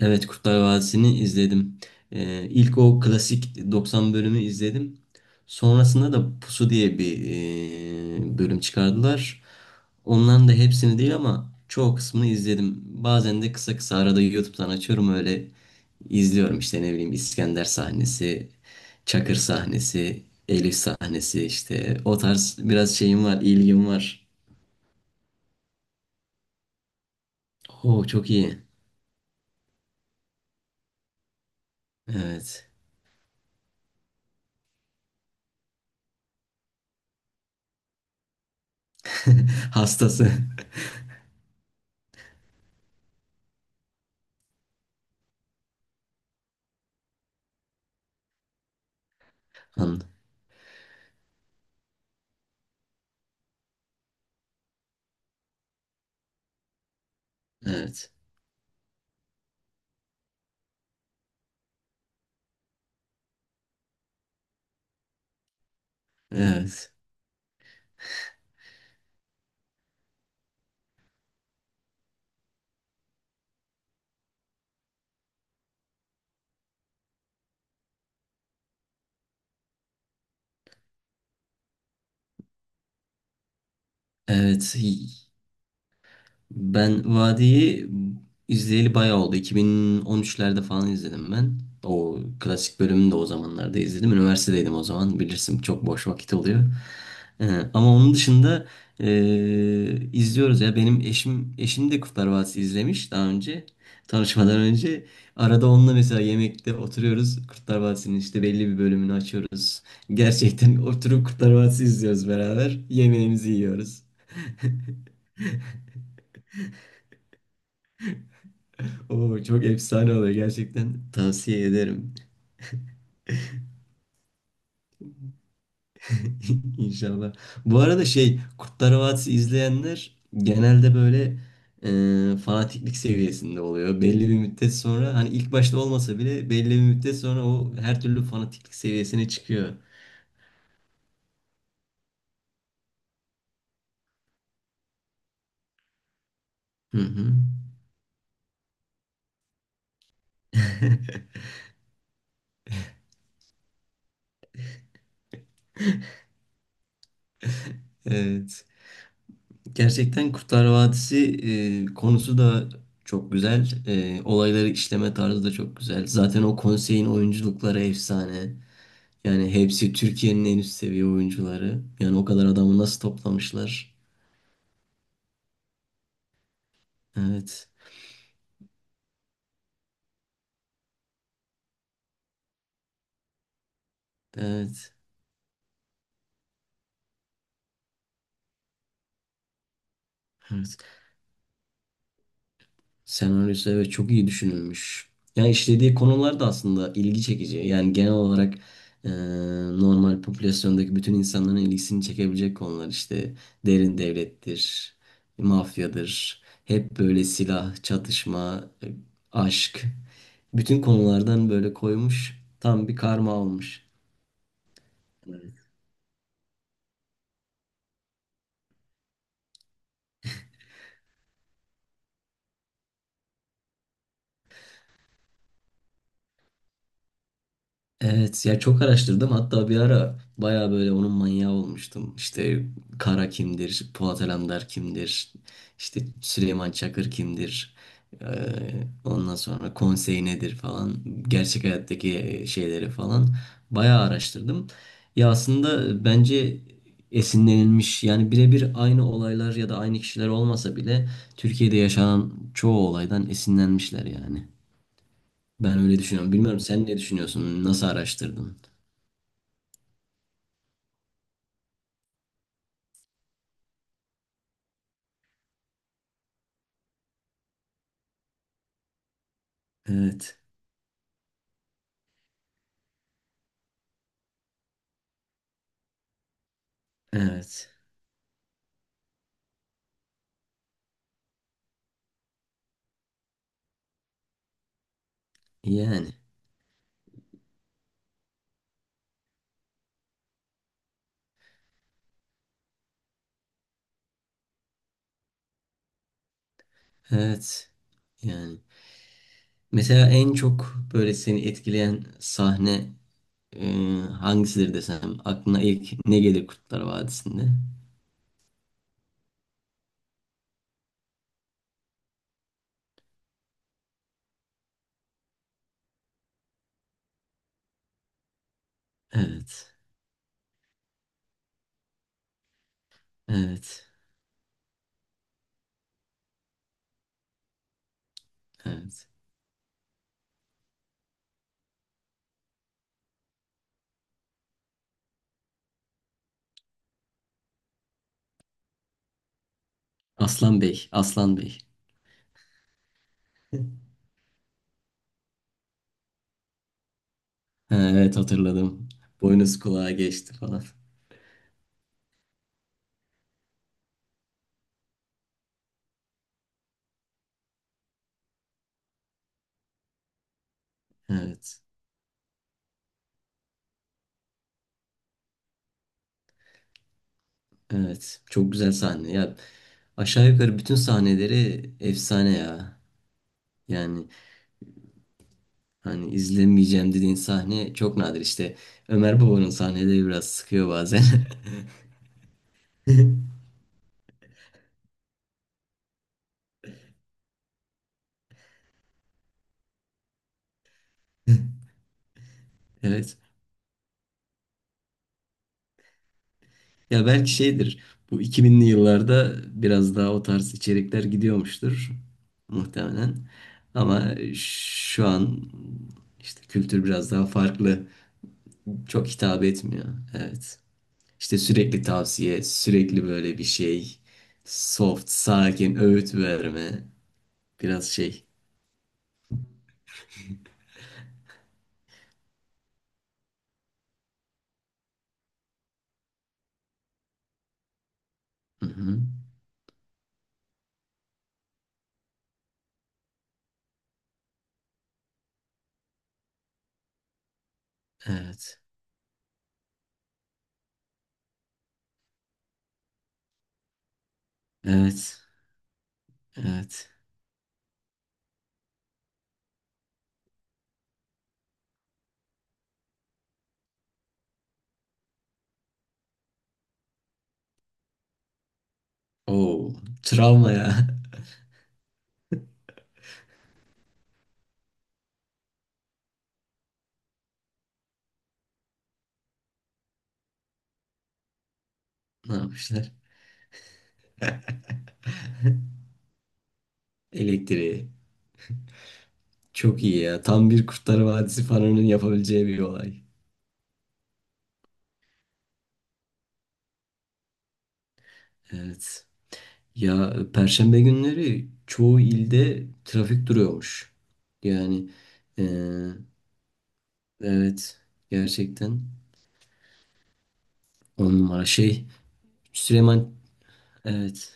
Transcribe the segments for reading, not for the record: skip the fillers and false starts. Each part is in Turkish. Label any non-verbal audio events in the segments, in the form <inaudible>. Evet Kurtlar Vadisi'ni izledim. İlk o klasik 90 bölümü izledim. Sonrasında da Pusu diye bir bölüm çıkardılar. Ondan da hepsini değil ama çoğu kısmını izledim. Bazen de kısa kısa arada YouTube'dan açıyorum öyle izliyorum işte ne bileyim İskender sahnesi, Çakır sahnesi, Elif sahnesi işte o tarz biraz şeyim var, ilgim var. Oo, çok iyi. Evet. <laughs> Hastası. An- Evet. Evet. Evet, y- Ben Vadi'yi izleyeli bayağı oldu. 2013'lerde falan izledim ben. O klasik bölümünü de o zamanlarda izledim. Üniversitedeydim o zaman bilirsin çok boş vakit oluyor. Ee, Ama onun dışında izliyoruz ya benim eşim de Kurtlar Vadisi izlemiş daha önce tanışmadan önce. Arada onunla mesela yemekte oturuyoruz Kurtlar Vadisi'nin işte belli bir bölümünü açıyoruz. Gerçekten oturup Kurtlar Vadisi izliyoruz beraber yemeğimizi yiyoruz. Oo, çok efsane oluyor, gerçekten tavsiye ederim. <laughs> inşallah. Bu arada şey, Kurtlar Vadisi izleyenler genelde böyle fanatiklik seviyesinde oluyor. Belli bir müddet sonra hani ilk başta olmasa bile belli bir müddet sonra o her türlü fanatiklik seviyesine çıkıyor. Hı hı. <laughs> Evet. Gerçekten Kurtlar Vadisi konusu da çok güzel. E, olayları işleme tarzı da çok güzel. Zaten o konseyin oyunculukları efsane. Yani hepsi Türkiye'nin en üst seviye oyuncuları. Yani o kadar adamı nasıl toplamışlar? Evet. Evet. Evet. Senaryosu, evet, çok iyi düşünülmüş. Yani işlediği konular da aslında ilgi çekici. Yani genel olarak e, normal popülasyondaki bütün insanların ilgisini çekebilecek konular işte, derin devlettir, mafyadır. Hep böyle silah, çatışma, aşk. Bütün konulardan böyle koymuş. Tam bir karma olmuş. Evet ya, çok araştırdım, hatta bir ara baya böyle onun manyağı olmuştum. İşte Kara kimdir, Polat Alemdar kimdir, işte Süleyman Çakır kimdir, Ee, ondan sonra konsey nedir falan, gerçek hayattaki şeyleri falan baya araştırdım. Ya aslında bence esinlenilmiş, yani birebir aynı olaylar ya da aynı kişiler olmasa bile Türkiye'de yaşanan çoğu olaydan esinlenmişler yani. Ben öyle düşünüyorum. Bilmiyorum, sen ne düşünüyorsun? Nasıl araştırdın? Evet, evet. Yani, evet. Yani. Mesela en çok böyle seni etkileyen sahne e, hangisidir desem, aklına ilk ne gelir Kurtlar Vadisi'nde? Evet, evet, evet. Aslan Bey, Aslan Bey. <laughs> Ha, evet, hatırladım. Boynuz kulağa geçti falan. Evet, evet. Çok güzel sahne. Ya aşağı yukarı bütün sahneleri efsane ya. Yani hani izlemeyeceğim dediğin sahne çok nadir işte. Ömer Baba'nın sahneleri biraz sıkıyor bazen. <laughs> Evet. Ya belki şeydir. Bu 2000'li yıllarda biraz daha o tarz içerikler gidiyormuştur muhtemelen. Ama şu an işte kültür biraz daha farklı. Çok hitap etmiyor. Evet. İşte sürekli tavsiye, sürekli böyle bir şey. Soft, sakin, öğüt verme. Biraz şey. Hı hı. Evet. Evet. Evet. Oo, travma ya. <laughs> Ne yapmışlar? Elektriği. Çok iyi ya. Tam bir Kurtlar Vadisi fanının yapabileceği bir olay. Evet. Ya Perşembe günleri çoğu ilde trafik duruyormuş. Yani eee, evet, gerçekten on numara şey. Süleyman, evet.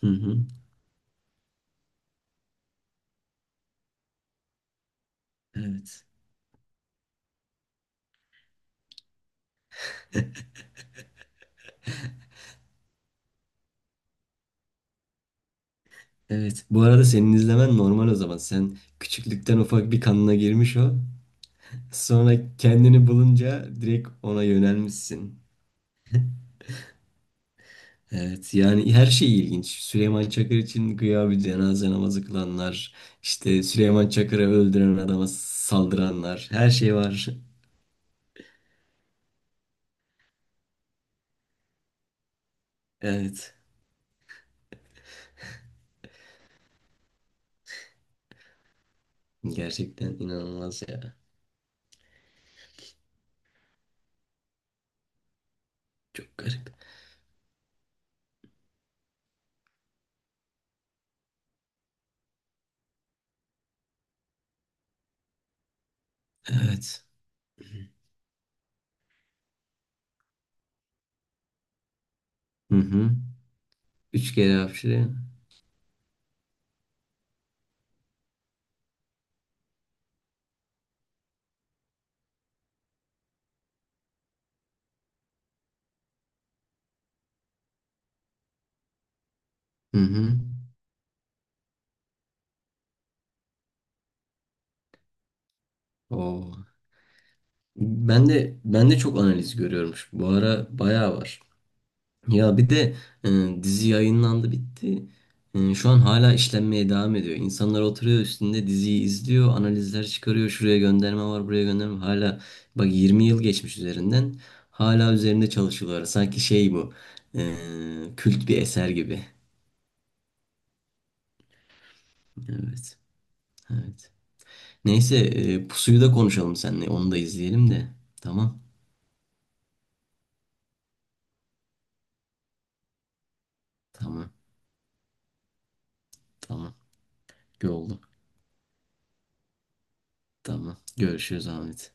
Hı hı. Evet. Evet. Bu arada senin izlemen normal o zaman. Sen küçüklükten ufak bir, kanına girmiş o. Sonra kendini bulunca direkt ona yönelmişsin. Evet, yani her şey ilginç. Süleyman Çakır için güya bir cenaze namazı kılanlar, işte Süleyman Çakır'ı öldüren adama saldıranlar, her şey var. <laughs> Evet. Gerçekten inanılmaz ya. Çok garip. Evet. Hı hı. Üç kere hapşire. Hı hı. Oo. Ben de çok analiz görüyormuş. Bu ara bayağı var. Ya bir de dizi yayınlandı, bitti. E, şu an hala işlenmeye devam ediyor. İnsanlar oturuyor üstünde diziyi izliyor, analizler çıkarıyor. Şuraya gönderme var, buraya gönderme var. Hala bak, 20 yıl geçmiş üzerinden. Hala üzerinde çalışıyorlar. Sanki şey bu, kült bir eser gibi. Evet. Evet. Neyse, Pusu'yu da konuşalım seninle. Onu da izleyelim de. Tamam. Tamam. Tamam. Oldu. Tamam. Görüşürüz Ahmet.